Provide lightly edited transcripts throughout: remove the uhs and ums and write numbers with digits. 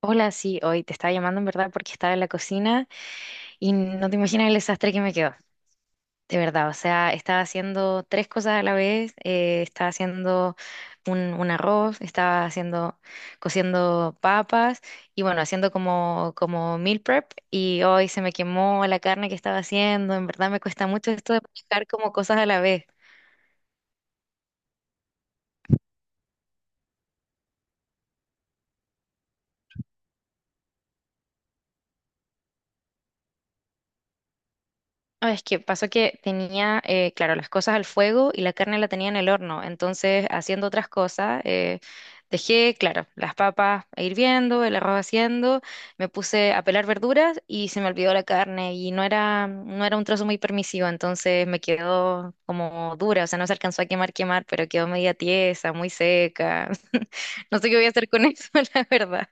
Hola, sí, hoy te estaba llamando en verdad porque estaba en la cocina y no te imaginas el desastre que me quedó, de verdad. O sea, estaba haciendo tres cosas a la vez, estaba haciendo un arroz, estaba haciendo, cociendo papas y bueno, haciendo como, como meal prep y hoy se me quemó la carne que estaba haciendo. En verdad me cuesta mucho esto de manejar como cosas a la vez. Ah, es que pasó que tenía, claro, las cosas al fuego y la carne la tenía en el horno. Entonces, haciendo otras cosas, dejé, claro, las papas hirviendo, el arroz haciendo, me puse a pelar verduras y se me olvidó la carne y no era un trozo muy permisivo, entonces me quedó como dura, o sea, no se alcanzó a quemar, pero quedó media tiesa, muy seca. No sé qué voy a hacer con eso, la verdad.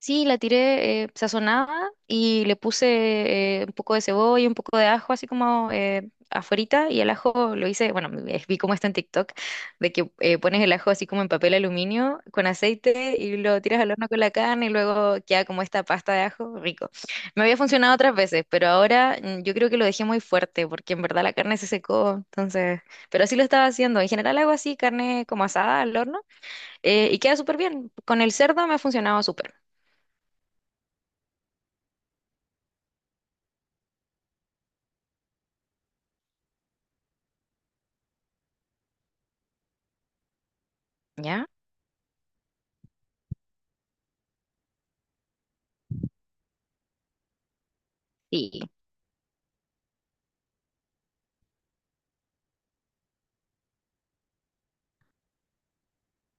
Sí, la tiré sazonada y le puse un poco de cebolla, un poco de ajo, así como afuerita. Y el ajo lo hice, bueno, vi cómo está en TikTok, de que pones el ajo así como en papel aluminio con aceite y lo tiras al horno con la carne y luego queda como esta pasta de ajo, rico. Me había funcionado otras veces, pero ahora yo creo que lo dejé muy fuerte porque en verdad la carne se secó, entonces, pero así lo estaba haciendo. En general hago así, carne como asada al horno y queda súper bien. Con el cerdo me ha funcionado súper. ¿Ya? Sí,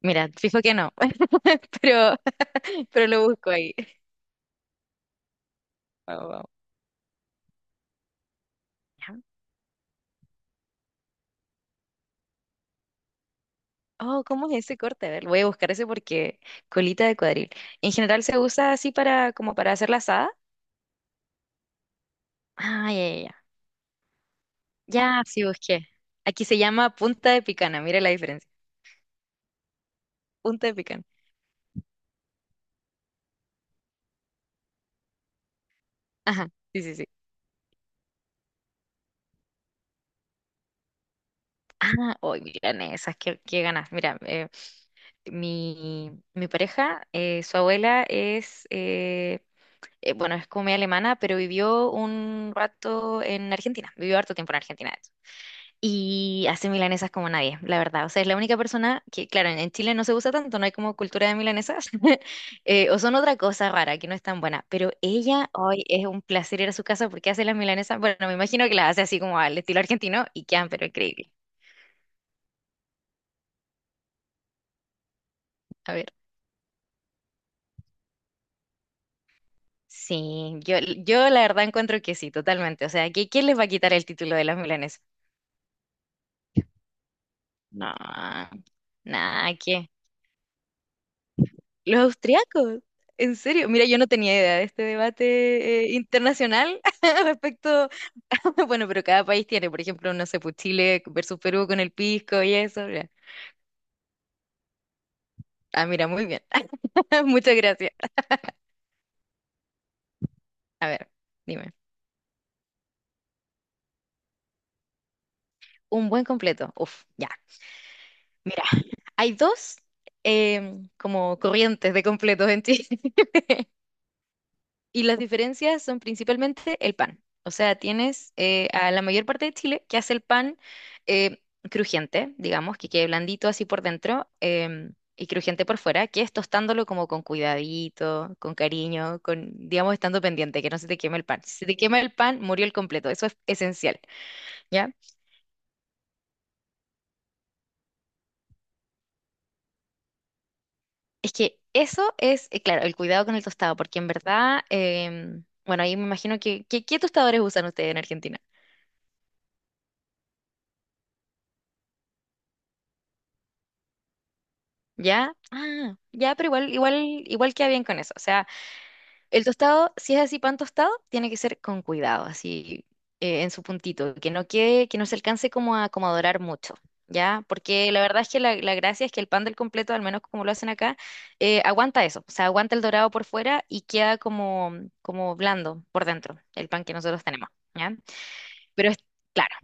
mira, fijo que no, pero, pero lo busco ahí. Vamos, vamos. Ya. Oh, ¿cómo es ese corte? A ver, voy a buscar ese porque colita de cuadril. En general se usa así para, como para hacer la asada. Ah, ya, ya, ya. Ya, sí busqué. Aquí se llama punta de picana, mira la diferencia. Punta de picana. Ajá, sí, sí, sí. Ah, hoy, miren esas, qué, qué ganas. Mira, mi pareja, su abuela es bueno, es como media alemana, pero vivió un rato en Argentina, vivió harto tiempo en Argentina, de hecho. Y hace milanesas como nadie, la verdad. O sea, es la única persona que, claro, en Chile no se usa tanto, no hay como cultura de milanesas, o son otra cosa rara que no es tan buena. Pero ella, hoy es un placer ir a su casa porque hace las milanesas. Bueno, me imagino que las hace así como al estilo argentino y quedan, pero increíble. A ver. Sí, yo la verdad encuentro que sí, totalmente. O sea, ¿quién les va a quitar el título de las milanesas? No, nada, los austriacos, en serio. Mira, yo no tenía idea de este debate internacional respecto, bueno, pero cada país tiene, por ejemplo, no sé, pues Chile versus Perú con el pisco y eso. Ya. Ah, mira, muy bien. Muchas gracias. A ver, dime. Un buen completo. Uf, ya. Mira, hay dos como corrientes de completos en Chile. Y las diferencias son principalmente el pan. O sea, tienes a la mayor parte de Chile que hace el pan eh, crujiente, digamos, que quede blandito así por dentro y crujiente por fuera, que es tostándolo como con cuidadito, con cariño, con, digamos, estando pendiente, que no se te queme el pan. Si se te quema el pan, murió el completo. Eso es esencial, ¿ya? Es que eso es, claro, el cuidado con el tostado, porque en verdad, bueno, ahí me imagino ¿qué tostadores usan ustedes en Argentina? ¿Ya? Ah, ya, pero igual, igual, igual queda bien con eso. O sea, el tostado, si es así pan tostado, tiene que ser con cuidado, así en su puntito, que no quede, que no se alcance como a, como a dorar mucho, ¿ya? Porque la verdad es que la gracia es que el pan del completo, al menos como lo hacen acá, aguanta eso, o sea, aguanta el dorado por fuera y queda como, como blando por dentro, el pan que nosotros tenemos, ¿ya? Pero es, claro.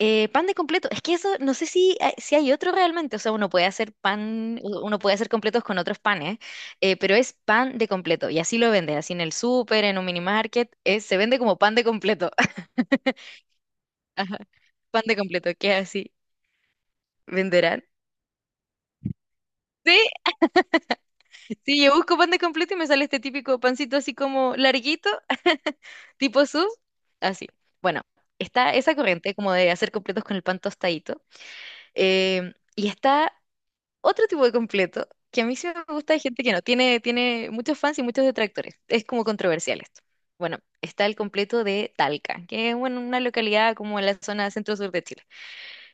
Pan de completo. Es que eso, no sé si hay otro realmente. O sea, uno puede hacer pan, uno puede hacer completos con otros panes, pero es pan de completo. Y así lo venden, así en el súper, en un mini market, se vende como pan de completo. Ajá. Pan de completo, ¿qué así? ¿Venderán? Sí, sí, yo busco pan de completo y me sale este típico pancito así como larguito, tipo sus, así. Bueno, está esa corriente como de hacer completos con el pan tostadito, y está. Otro tipo de completo que a mí sí me gusta de gente que no, tiene, tiene muchos fans y muchos detractores. Es como controversial esto. Bueno, está el completo de Talca, que es bueno, una localidad como en la zona centro-sur de Chile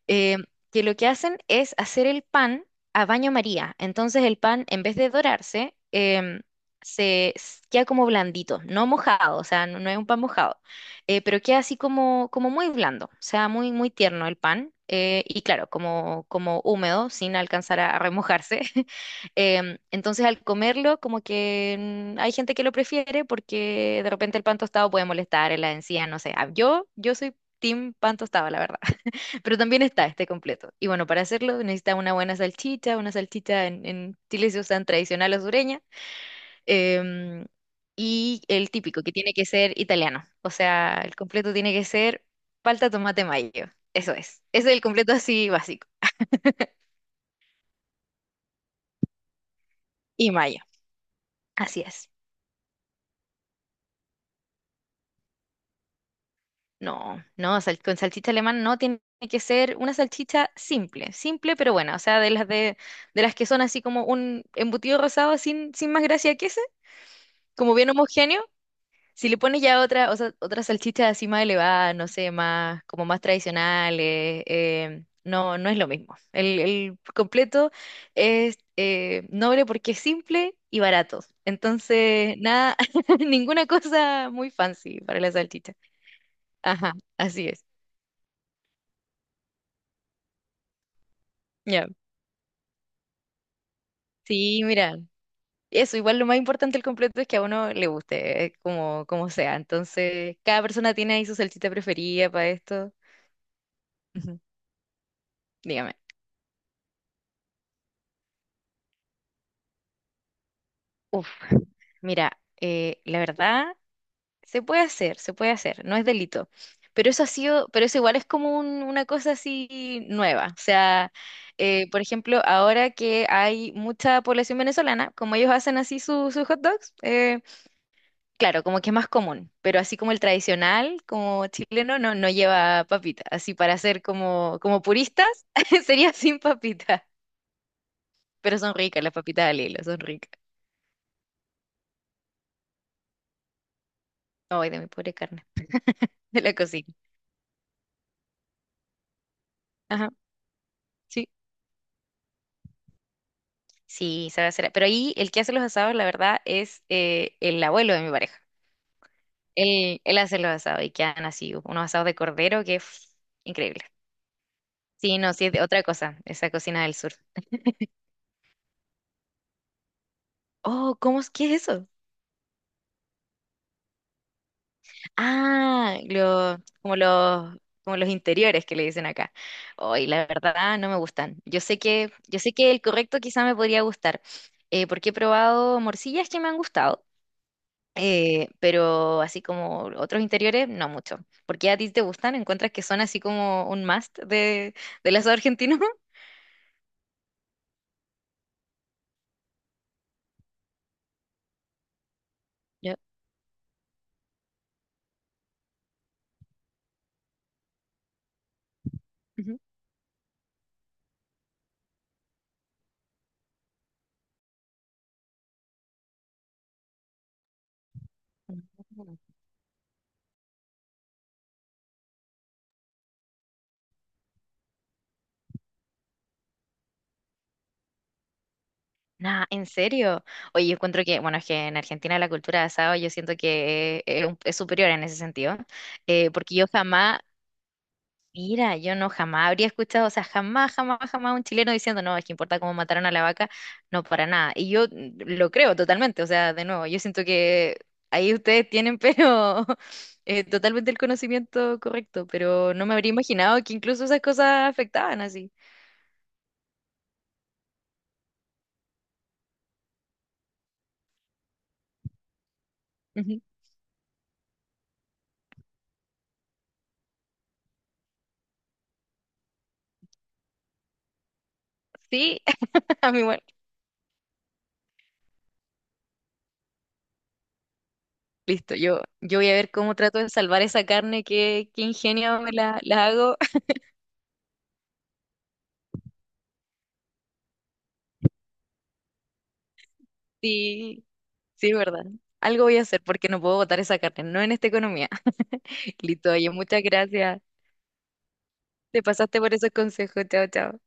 eh, que lo que hacen es hacer el pan a baño María. Entonces el pan, en vez de dorarse, queda como blandito, no mojado, o sea, no, no es un pan mojado, pero queda así como, como muy blando, o sea, muy, muy tierno el pan, y claro, como, como húmedo, sin alcanzar a remojarse. Em, entonces, al comerlo, como que hay gente que lo prefiere porque de repente el pan tostado puede molestar en la encía, no sé. Ah, yo soy team pan tostado, la verdad. Pero también está este completo. Y bueno, para hacerlo necesita una buena salchicha, una salchicha en Chile se usan tradicional o sureña, em, y el típico, que tiene que ser italiano. O sea, el completo tiene que ser palta, tomate, mayo. Eso es. Ese es el completo así básico. Y mayo. Así es. No, no, con salchicha alemana no tiene que ser una salchicha simple, simple pero buena. O sea, de las que son así como un embutido rosado sin, sin más gracia que ese, como bien homogéneo. Si le pones ya otra, o sea, otra salchicha así más elevada, no sé, más, como más tradicionales, no, no es lo mismo. El completo es noble porque es simple y barato. Entonces, nada, ninguna cosa muy fancy para la salchicha. Ajá, así es. Ya. Sí, mira. Eso, igual lo más importante del completo es que a uno le guste, como, como sea. Entonces, cada persona tiene ahí su salchicha preferida para esto. Ujú, dígame. Mira, la verdad, se puede hacer, no es delito. Pero eso ha sido, pero eso igual es como una cosa así nueva. O sea, por ejemplo, ahora que hay mucha población venezolana, como ellos hacen así sus hot dogs, claro, como que es más común. Pero así como el tradicional, como chileno, no, no lleva papita. Así para ser como, como puristas, sería sin papita. Pero son ricas las papitas al hilo, son ricas. Ay, de mi pobre carne, de la cocina. Ajá. Sí. Sí, sabe hacer. Pero ahí el que hace los asados, la verdad, es el abuelo de mi pareja. Él hace los asados y quedan así, unos asados de cordero que es increíble. Sí, no, sí, es de otra cosa, esa cocina del sur. Oh, ¿cómo es que es eso? Ah, como como los interiores que le dicen acá. Oh, la verdad no me gustan. Yo sé que el correcto quizá me podría gustar, porque he probado morcillas que me han gustado. Pero así como otros interiores, no mucho. ¿Porque a ti te gustan? ¿Encuentras que son así como un must de, del asado argentino? Yo- ujú. Mm. Nah, ¿en serio? Oye, yo encuentro que, bueno, es que en Argentina la cultura de asado yo siento que es, es superior en ese sentido, porque yo jamás. Mira, yo no jamás habría escuchado, o sea, jamás, jamás, jamás un chileno diciendo, no, es que importa cómo mataron a la vaca, no para nada. Y yo lo creo totalmente, o sea, de nuevo, yo siento que ahí ustedes tienen, pero totalmente el conocimiento correcto, pero no me habría imaginado que incluso esas cosas afectaban así. Ujú. Sí, a mí bueno, listo, yo voy a ver cómo trato de salvar esa carne, qué, qué ingenio me la, la hago. Sí, sí, verdad. Algo voy a hacer porque no puedo botar esa carne, no en esta economía. Listo, oye, muchas gracias. Te pasaste por esos consejos. Chao, chao.